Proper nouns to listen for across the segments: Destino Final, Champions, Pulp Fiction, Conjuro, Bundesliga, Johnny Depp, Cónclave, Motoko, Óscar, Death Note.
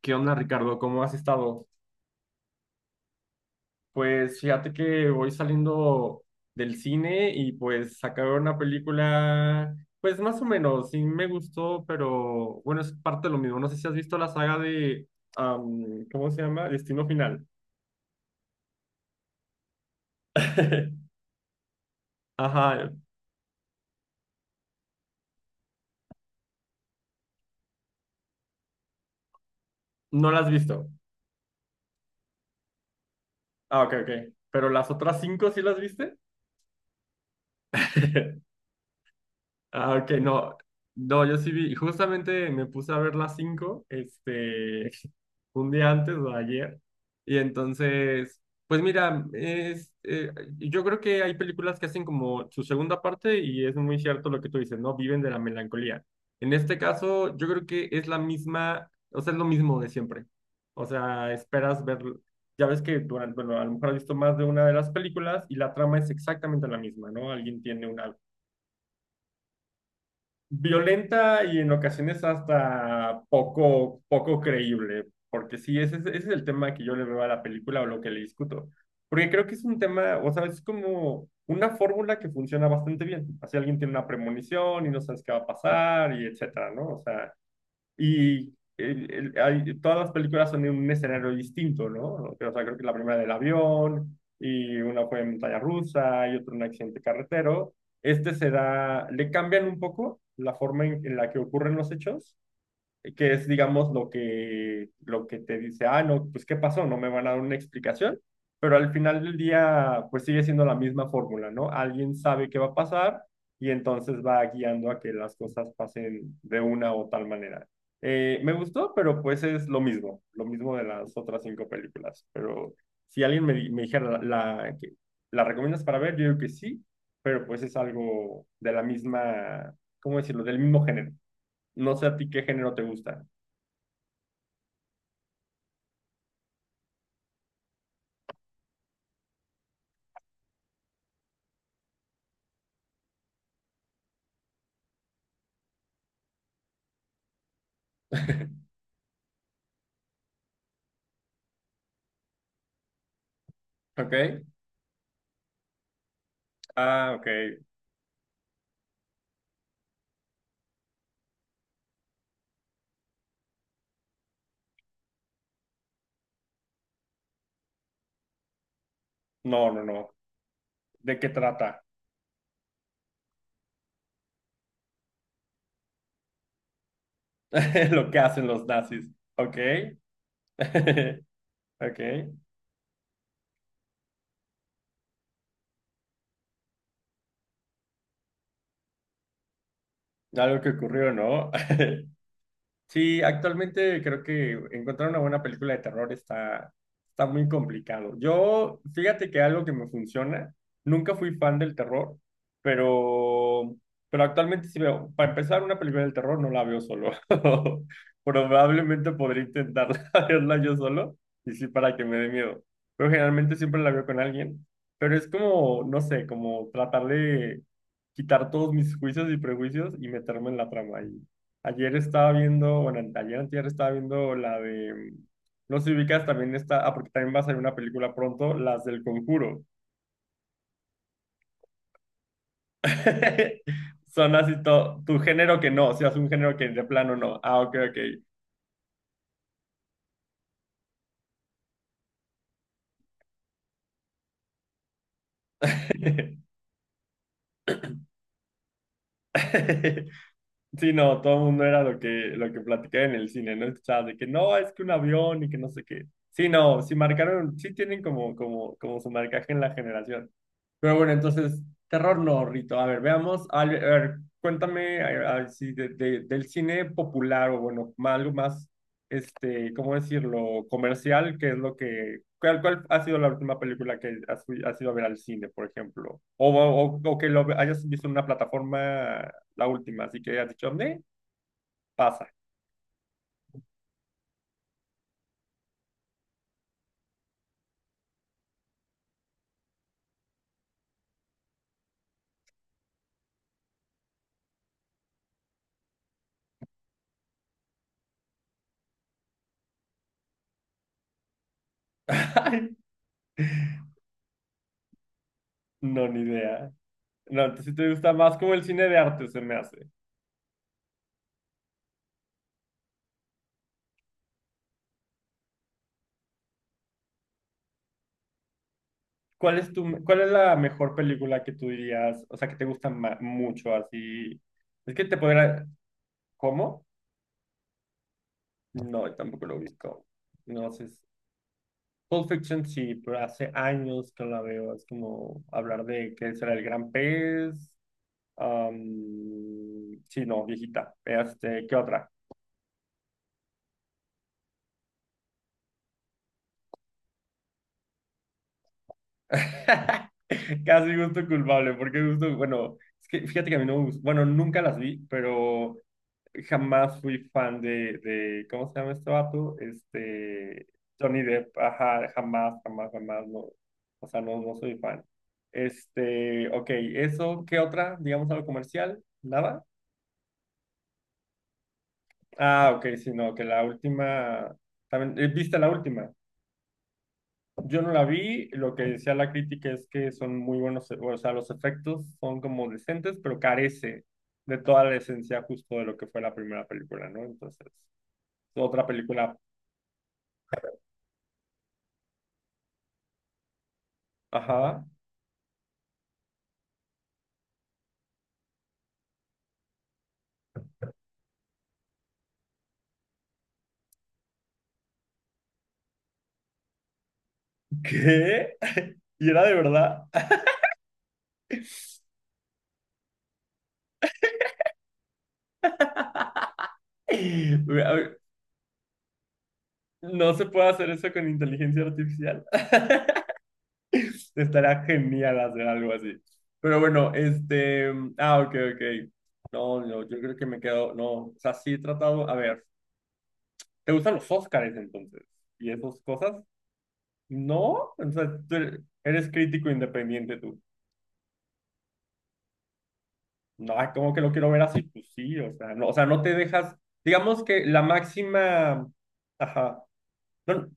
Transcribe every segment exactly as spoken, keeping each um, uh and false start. ¿Qué onda, Ricardo? ¿Cómo has estado? Pues fíjate que voy saliendo del cine y pues sacaron una película, pues más o menos, sí me gustó, pero bueno, es parte de lo mismo. No sé si has visto la saga de, am, ¿cómo se llama? Destino Final. Ajá, no la has visto. Ah, ok, ok. Pero las otras cinco sí las viste. Ah, ok, no. No, yo sí vi, justamente me puse a ver las cinco, este, un día antes o ayer. Y entonces, pues mira, es, eh, yo creo que hay películas que hacen como su segunda parte y es muy cierto lo que tú dices, ¿no? Viven de la melancolía. En este caso, yo creo que es la misma, o sea, es lo mismo de siempre. O sea, esperas ver, ya ves que durante, bueno, a lo mejor has visto más de una de las películas y la trama es exactamente la misma, ¿no? Alguien tiene una violenta y en ocasiones hasta poco, poco creíble, porque sí, ese es, ese es el tema que yo le veo a la película o lo que le discuto, porque creo que es un tema, o sea, es como una fórmula que funciona bastante bien, así alguien tiene una premonición y no sabes qué va a pasar y etcétera, ¿no? O sea, y el- el- hay- todas las películas son en un escenario distinto, ¿no? O sea, creo que la primera del avión, y una fue en montaña rusa, y otra en un accidente carretero. Este será, le cambian un poco la forma en, en la que ocurren los hechos, que es, digamos, lo que, lo que te dice, ah, no, pues ¿qué pasó? No me van a dar una explicación, pero al final del día, pues sigue siendo la misma fórmula, ¿no? Alguien sabe qué va a pasar y entonces va guiando a que las cosas pasen de una o tal manera. Eh, me gustó, pero pues es lo mismo, lo mismo de las otras cinco películas, pero si alguien me, di- me dijera, la, la, que- ¿la recomiendas para ver? Yo digo que sí, pero pues es algo de la misma, ¿cómo decirlo? Del mismo género. No sé a ti qué género te gusta. Ok. Ah, ok. No, no, no. ¿De qué trata? Lo que hacen los nazis. Ok. Ok. Algo que ocurrió, ¿no? Sí, actualmente creo que encontrar una buena película de terror está, está muy complicado. Yo, fíjate que algo que me funciona, nunca fui fan del terror, pero, pero actualmente sí veo, para empezar, una película del terror no la veo solo. Probablemente podría intentarla verla yo solo, y sí para que me dé miedo. Pero generalmente siempre la veo con alguien. Pero es como, no sé, como tratar de quitar todos mis juicios y prejuicios y meterme en la trama. Ayer estaba viendo, bueno, ayer antier estaba viendo la de, mm, no sé si ubicas, también está, ah, porque también va a salir una película pronto, las del Conjuro. Son así todo, tu género que no, si es un género que de plano no. Ah, ok, ok. Sí, no, todo el mundo era lo que, lo que, platicaba en el cine, ¿no? Escuchaba de que no, es que un avión y que no sé qué. Sí, no, sí marcaron, sí tienen como, como, como su marcaje en la generación. Pero bueno, entonces, terror no, Rito. A ver, veamos. al- A ver, cuéntame a- a- si de- de- del cine popular o bueno, ma- algo más, este, ¿cómo decirlo? Comercial, qué es lo que... ¿Cuál, cuál ha sido la última película que has, fui- has ido a ver al cine, por ejemplo? O, o, o que lo ve- hayas visto en una plataforma, la última, así que has dicho, ¿me? Pasa. Ay, no, ni idea. No, entonces si te gusta más como el cine de arte, se me hace. ¿Cuál es tu, cuál es la mejor película que tú dirías, o sea, que te gusta ma- mucho así? Es que te podría, ¿cómo? No, tampoco lo ubico. No sé. si- Pulp Fiction sí, pero hace años que no la veo. Es como hablar de que será el gran pez. am, sí, no, viejita. Este, ¿qué otra? Casi gusto culpable, porque gusto, bueno, es que fíjate que a mí no me gusta, bueno, nunca las vi, pero jamás fui fan de, de, ¿cómo se llama este vato? Este, Johnny Depp, ajá, jamás, jamás, jamás, no, o sea, no, no soy fan. Este, ok, eso, ¿qué otra? Digamos algo comercial, ¿nada? Ah, ok, sí, no, que la última, también, eh, ¿viste la última? Yo no la vi, lo que decía la crítica es que son muy buenos, eh, o sea, los efectos son como decentes, pero carece de toda la esencia justo de lo que fue la primera película, ¿no? Entonces, otra película, ajá. ¿Qué? ¿Y era de verdad? Güey, a ver, no se puede hacer eso con inteligencia artificial. Estará genial hacer algo así. Pero bueno, este. mm, Ah, ok, ok. No, no, yo creo que me quedo. No, o sea, sí he tratado. A ver, ¿te gustan los Óscares entonces? ¿Y esas cosas? No, entonces tú eres eres crítico independiente. No, ay, ¿cómo que lo quiero ver así? Pues sí, o sea, no, o sea, no te dejas, digamos que la máxima, ajá, no,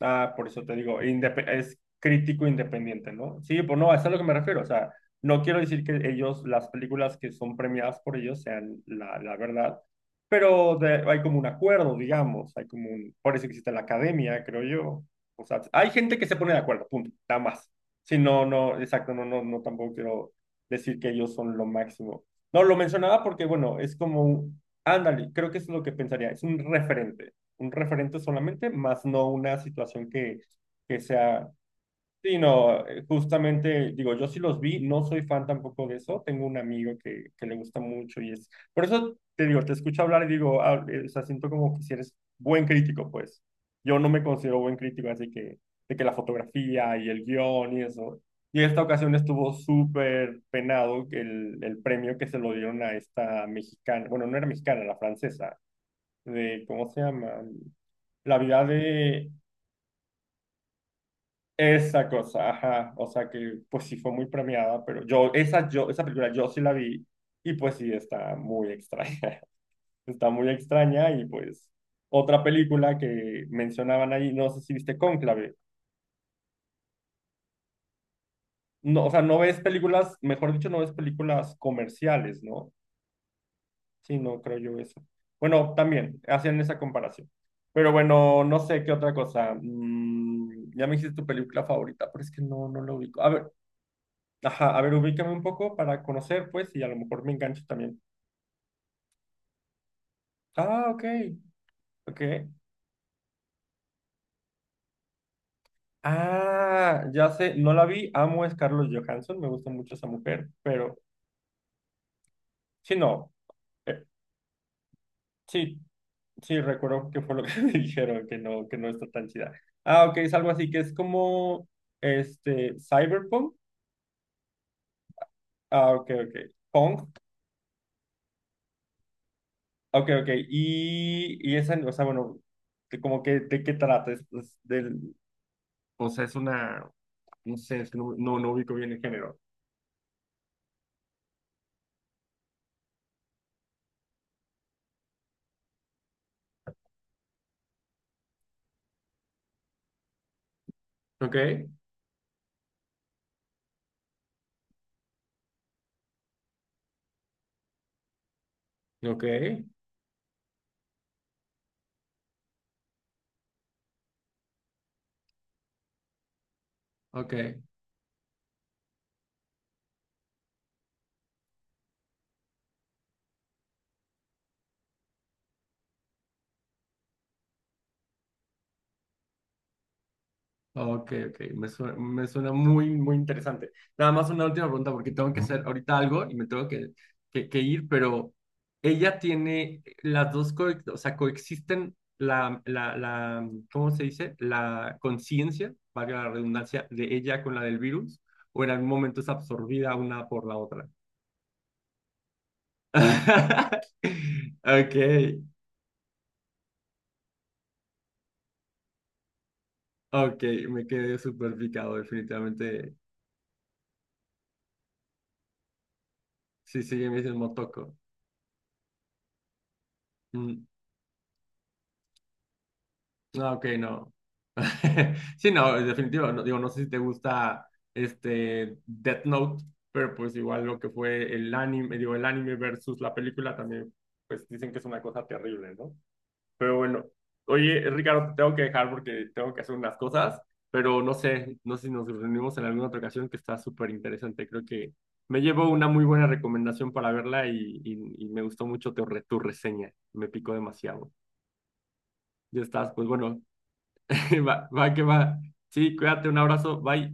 ah, por eso te digo, indep- es crítico independiente, ¿no? Sí, pues no, eso es a lo que me refiero. O sea, no quiero decir que ellos, las películas que son premiadas por ellos sean la, la verdad, pero de- hay como un acuerdo, digamos, hay como un, por eso existe la academia, creo yo. O sea, hay gente que se pone de acuerdo, punto, nada más. Sí, no, no, exacto, no, no, no, tampoco quiero decir que ellos son lo máximo. No, lo mencionaba porque, bueno, es como, un- ándale, creo que es lo que pensaría, es un referente un referente solamente, más no una situación que, que sea... Sí, no, eh, justamente, digo, yo sí los vi, no soy fan tampoco de eso, tengo un amigo que, que le gusta mucho y es... Por eso te digo, te escucho hablar y digo, ah, eh, o sea, siento como que si eres buen crítico, pues. Yo no me considero buen crítico, así que de que la fotografía y el guión y eso. Y esta ocasión estuvo súper penado el, el premio que se lo dieron a esta mexicana, bueno, no era mexicana, la francesa, de, ¿cómo se llama? La vida de esa cosa, ajá. O sea que pues sí fue muy premiada, pero yo, esa, yo, esa película yo sí la vi y pues sí está muy extraña. Está muy extraña y pues otra película que mencionaban ahí, no sé si viste Cónclave. No, o sea, no ves películas, mejor dicho, no ves películas comerciales, ¿no? Sí, no creo yo eso. Bueno, también hacían esa comparación. Pero bueno, no sé qué otra cosa. Mm, ya me dijiste tu película favorita, pero es que no, no lo ubico. A ver, ajá, a ver, ubícame un poco para conocer, pues, y a lo mejor me engancho también. Ah, ok, ok. Ah, ya sé, no la vi, amo es Carlos Johansson, me gusta mucho esa mujer, pero sí, no, eh, sí, sí, recuerdo que fue lo que me dijeron, que no, que no está tan chida. Ah, ok, es algo así, que es como, este, cyberpunk. Ah, ok, ok, punk, ok, ok, y, y esa, o sea, bueno, que como que, ¿de qué trata? Es, es del, o sea, es una... No sé, no, no, no ubico bien el género. Ok, ok, ok, ok, ok. Me suena, me suena muy, muy interesante. Nada más una última pregunta porque tengo que hacer ahorita algo y me tengo que, que, que ir, pero ella tiene las dos, co- o sea, coexisten la, la, la, ¿cómo se dice? La conciencia, valga la redundancia, de ella con la del virus, o en algún momento es absorbida una por la otra. Ok, ok, me quedé súper picado, definitivamente. Sí, sí, me dicen Motoko. Mm, ah, ok, no. Sí, no, es definitivo. No, digo, no sé si te gusta este Death Note, pero pues igual lo que fue el anime, digo, el anime versus la película también, pues dicen que es una cosa terrible, ¿no? Pero bueno, oye, Ricardo, te tengo que dejar porque tengo que hacer unas cosas, pero no sé, no sé si nos reunimos en alguna otra ocasión que está súper interesante. Creo que me llevo una muy buena recomendación para verla y, y, y me gustó mucho tu, re- tu reseña. Me picó demasiado. Ya estás, pues bueno, va, va que va. Sí, cuídate, un abrazo, bye.